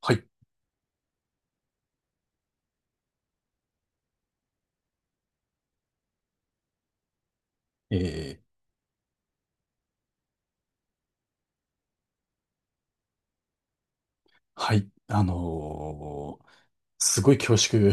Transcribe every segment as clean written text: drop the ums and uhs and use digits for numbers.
はい。えー、はい。すごい恐縮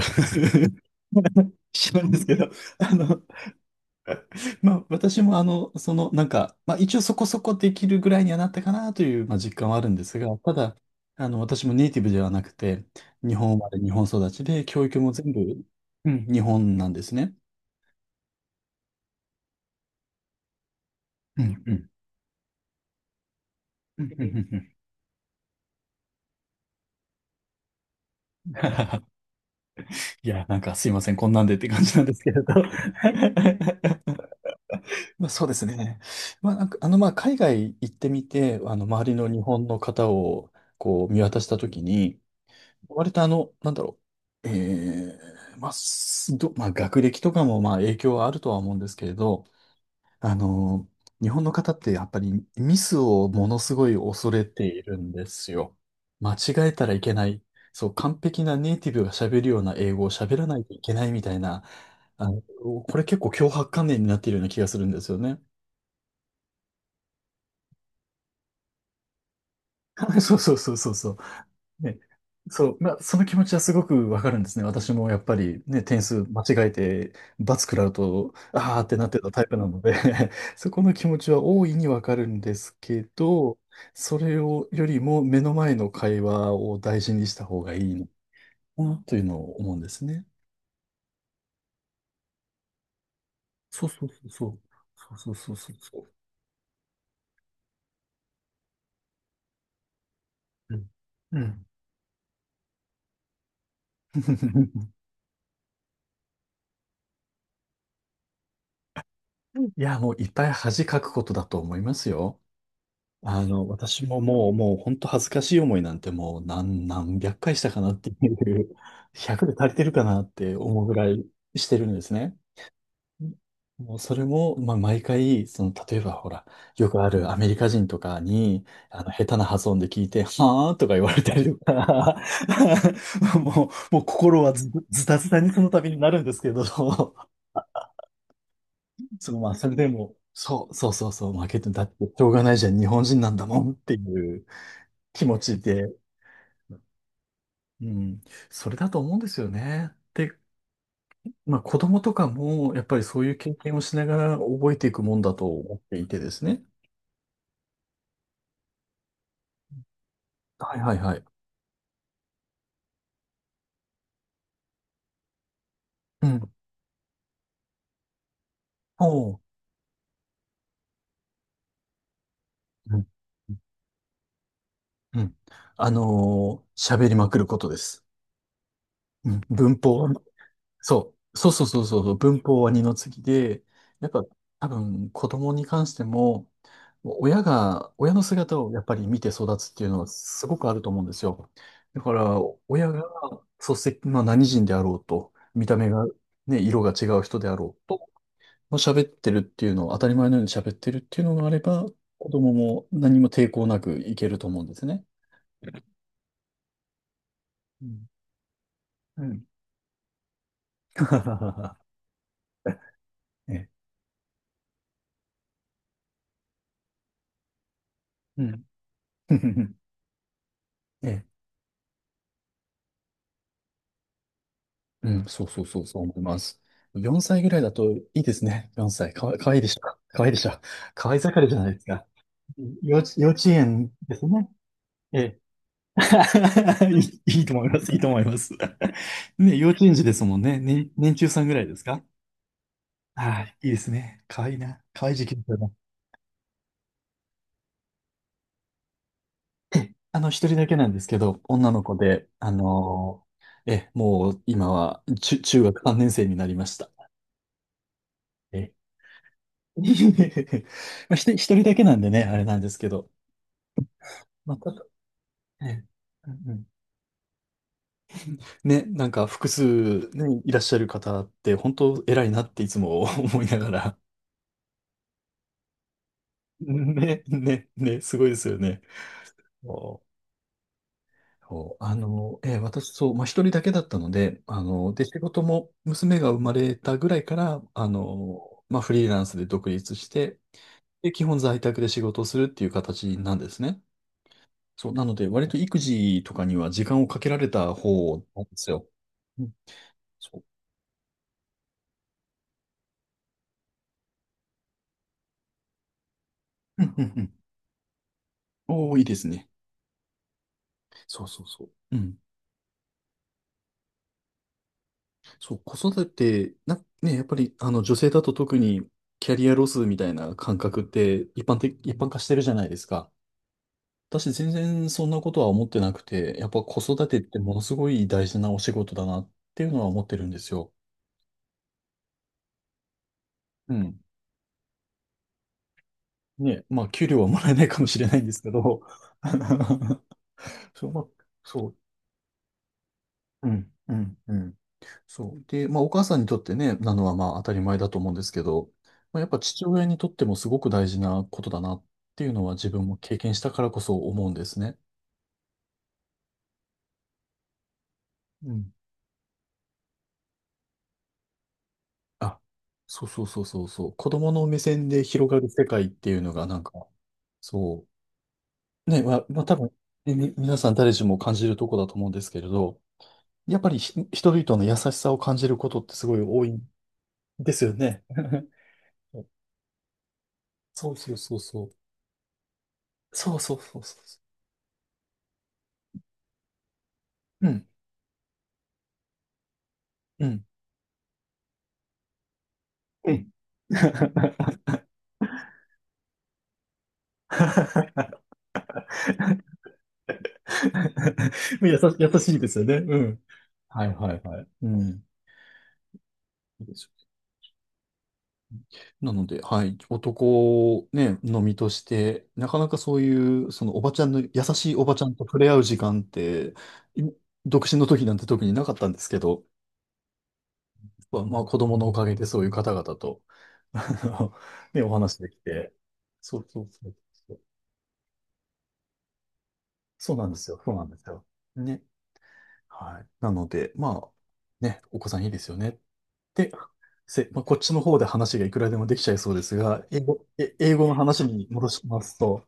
しない んですけど、あの、まあ、私もなんか、まあ、一応そこそこできるぐらいにはなったかなという、まあ、実感はあるんですが、ただ、私もネイティブではなくて、日本生まれ、日本育ちで、教育も全部、うん、日本なんですね。うん、うん。うんうんうんうん。 いや、なんかすいません、こんなんでって感じなんですけれど。 まあ、そうですね。まあ、なんか、まあ、海外行ってみて、周りの日本の方を、こう、見渡したときに、割となんだろう、まあ、まあ、学歴とかも、まあ、影響はあるとは思うんですけれど、あの、日本の方ってやっぱりミスをものすごい恐れているんですよ。間違えたらいけない。そう、完璧なネイティブが喋るような英語を喋らないといけないみたいな、これ結構強迫観念になっているような気がするんですよね。そうそうそうそうそう。ね。そう、まあ、その気持ちはすごくわかるんですね。私もやっぱりね、点数間違えて、罰食らうと、あーってなってたタイプなので、 そこの気持ちは大いにわかるんですけど、それをよりも目の前の会話を大事にした方がいいのかなというのを思うんですね。そうそうそうそう。そうそうそうそう。うん。うん。 いや、もういっぱい恥かくことだと思いますよ。私ももう本当恥ずかしい思いなんてもう何百回したかなっていう、100で足りてるかなって思うぐらいしてるんですね。もうそれも、まあ、毎回、例えばほら、よくあるアメリカ人とかに、下手な発音で聞いて、はーとか言われたりとか、もう、もう心はずたずたにその度になるんですけど、まあ、それでも、そう、そうそうそう、負けて、だって、しょうがないじゃん、日本人なんだもんっていう気持ちで、うん、それだと思うんですよね。で、まあ子供とかもやっぱりそういう経験をしながら覚えていくもんだと思っていてですね。はいはいはい。うん。おう。うん。うん。あのー喋りまくることです。うん。文法。そう、そうそうそうそうそう、文法は二の次で、やっぱ多分子供に関しても、親の姿をやっぱり見て育つっていうのはすごくあると思うんですよ。だから、親が、そして、まあ何人であろうと、見た目が、ね、色が違う人であろうと、まあ、喋ってるっていうのを、当たり前のように喋ってるっていうのがあれば、子供も何も抵抗なくいけると思うんですね。うん。うん。ええうん。ええうん、そうそうそう、そう思います。4歳ぐらいだといいですね。4歳。かわいいでしょ。かわいいでしょ。かわい盛りじゃないですか。幼稚園ですね。ええ。いいいと思います。いいと思います。ね、幼稚園児ですもんね。ね、年中さんぐらいですか？はい、いいですね。かわいいな。かわいい時期ですよね。ええ、一人だけなんですけど、女の子で、ええ、もう今は中学3年生になりました。ええ。 いえいえいえ。まあ、一人だけなんでね、あれなんですけど。まあ、ただ、ね、うんうん。ね、なんか複数、ね、いらっしゃる方って本当偉いなっていつも、 思いながら。ね、ね、ね、すごいですよね。そうそう私、そう、まあ、一人だけだったので、で、仕事も娘が生まれたぐらいから、まあ、フリーランスで独立して、で、基本在宅で仕事をするっていう形なんですね。そう、なので、割と育児とかには時間をかけられた方なんですよ。うん、そう。うん、うん、うん。おー、いいですね。そうそうそう。うん。そう、子育て、ね、やっぱり、女性だと特にキャリアロスみたいな感覚って一般化してるじゃないですか。私、全然そんなことは思ってなくて、やっぱ子育てってものすごい大事なお仕事だなっていうのは思ってるんですよ。うん。ね、まあ、給料はもらえないかもしれないんですけど、そう、まあ、そう。うん、うん、うん。そう。で、まあ、お母さんにとってね、なのはまあ当たり前だと思うんですけど、まあ、やっぱ父親にとってもすごく大事なことだなっていうのは自分も経験したからこそ思うんですね。うん。あ、そうそうそうそうそう。子供の目線で広がる世界っていうのがなんか、そう。ね、まあ、多分、皆さん誰しも感じるとこだと思うんですけれど、やっぱり人々の優しさを感じることってすごい多いんですよね。そうそうそうそう。そうそうそうそう。うん、うん。うん。優しいですよね。うん。はいはいはい。うん。いいですよ。なので、はい、男ね、のみとして、なかなかそういう、そのおばちゃんの、優しいおばちゃんと触れ合う時間って、い独身の時なんて特になかったんですけど、まあ、まあ子供のおかげでそういう方々と、あのね、お話できて、そうそうそうそう。そうなんですよ、そうなんですよ。ね。はい。なので、まあ、ね、お子さんいいですよね。で、まあ、こっちの方で話がいくらでもできちゃいそうですが、英語、英語の話に戻しますと、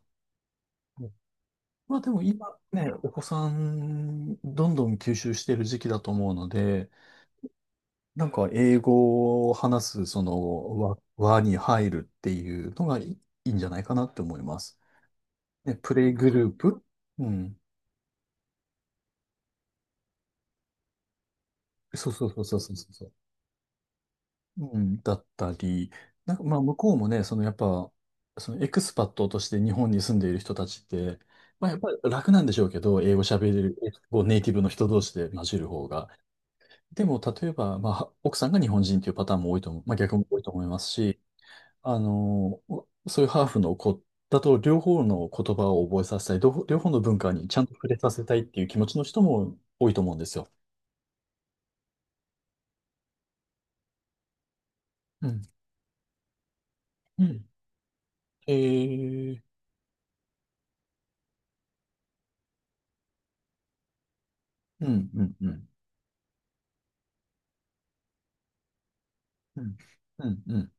まあでも今ね、お子さん、どんどん吸収してる時期だと思うので、なんか英語を話す、輪に入るっていうのがいいんじゃないかなって思います。ね、プレイグループ。うん。そうそうそうそうそうそう。うん、だったり、なんかまあ向こうもね、そのやっぱ、そのエクスパットとして日本に住んでいる人たちって、まあやっぱり楽なんでしょうけど、英語喋れる、英語ネイティブの人同士で混じる方が。でも例えば、まあ奥さんが日本人っていうパターンも多いと思う、まあ逆も多いと思いますし、あの、そういうハーフの子だと両方の言葉を覚えさせたい、両方両方の文化にちゃんと触れさせたいっていう気持ちの人も多いと思うんですよ。うん。うん。えー、うん、うん、うん。うんうんうん。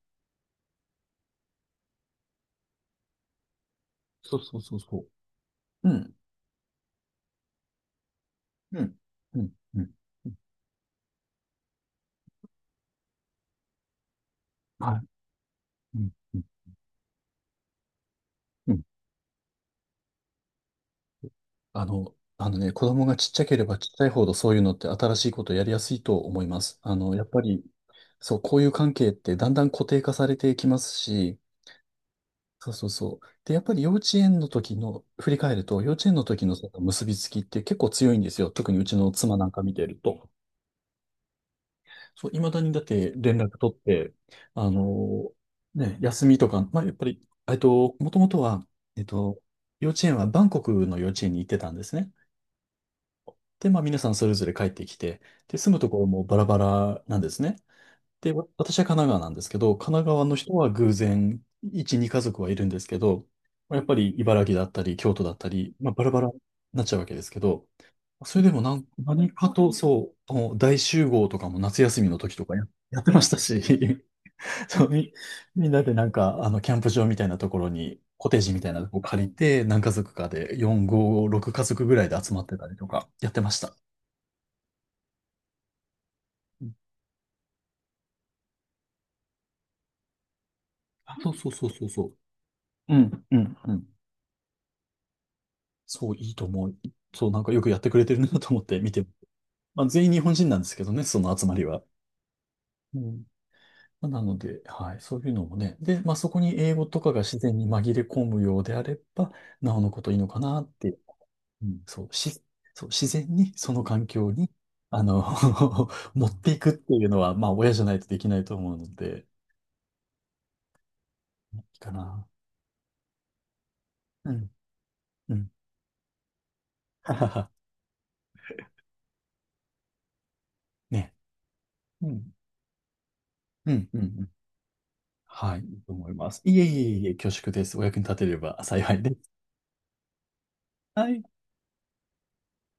そうそうそうそう。うん。うん。うん。うん。はい。うんうんうん。あの、あのね、子供がちっちゃければちっちゃいほどそういうのって新しいことをやりやすいと思います。やっぱり、そう、こういう関係ってだんだん固定化されていきますし、そうそうそう。で、やっぱり幼稚園の時の、振り返ると、幼稚園の時のその結びつきって結構強いんですよ。特にうちの妻なんか見てると。そう、いまだにだって連絡取って、あのね、休みとか、まあ、やっぱり、もともとは、えっと、幼稚園はバンコクの幼稚園に行ってたんですね。で、まあ、皆さんそれぞれ帰ってきて、で、住むところもバラバラなんですね。で、私は神奈川なんですけど、神奈川の人は偶然、1、2家族はいるんですけど、まあやっぱり茨城だったり、京都だったり、まあ、バラバラになっちゃうわけですけど、それでも何かと、そう、もう大集合とかも夏休みの時とかや、やってましたし、そう、みんなでなんか、キャンプ場みたいなところに、コテージみたいなとこ借りて、何家族かで、4、5、6家族ぐらいで集まってたりとか、やってました。うん。あ、そうそうそうそうそう。うん、うん、うん。そう、いいと思う。そう、なんかよくやってくれてるなと思って見て。まあ、全員日本人なんですけどね、その集まりは。うん。まあなので、はい、そういうのもね。で、まあ、そこに英語とかが自然に紛れ込むようであれば、なおのこといいのかなっていう、うん、そう、し、そう、自然にその環境に、あの 持っていくっていうのは、まあ、親じゃないとできないと思うので、いいかな。うん、うん。ははは。ね。うん、うん、うん。うん。はい、いいと思います。いえいえいえ、恐縮です。お役に立てれば幸いです。はい。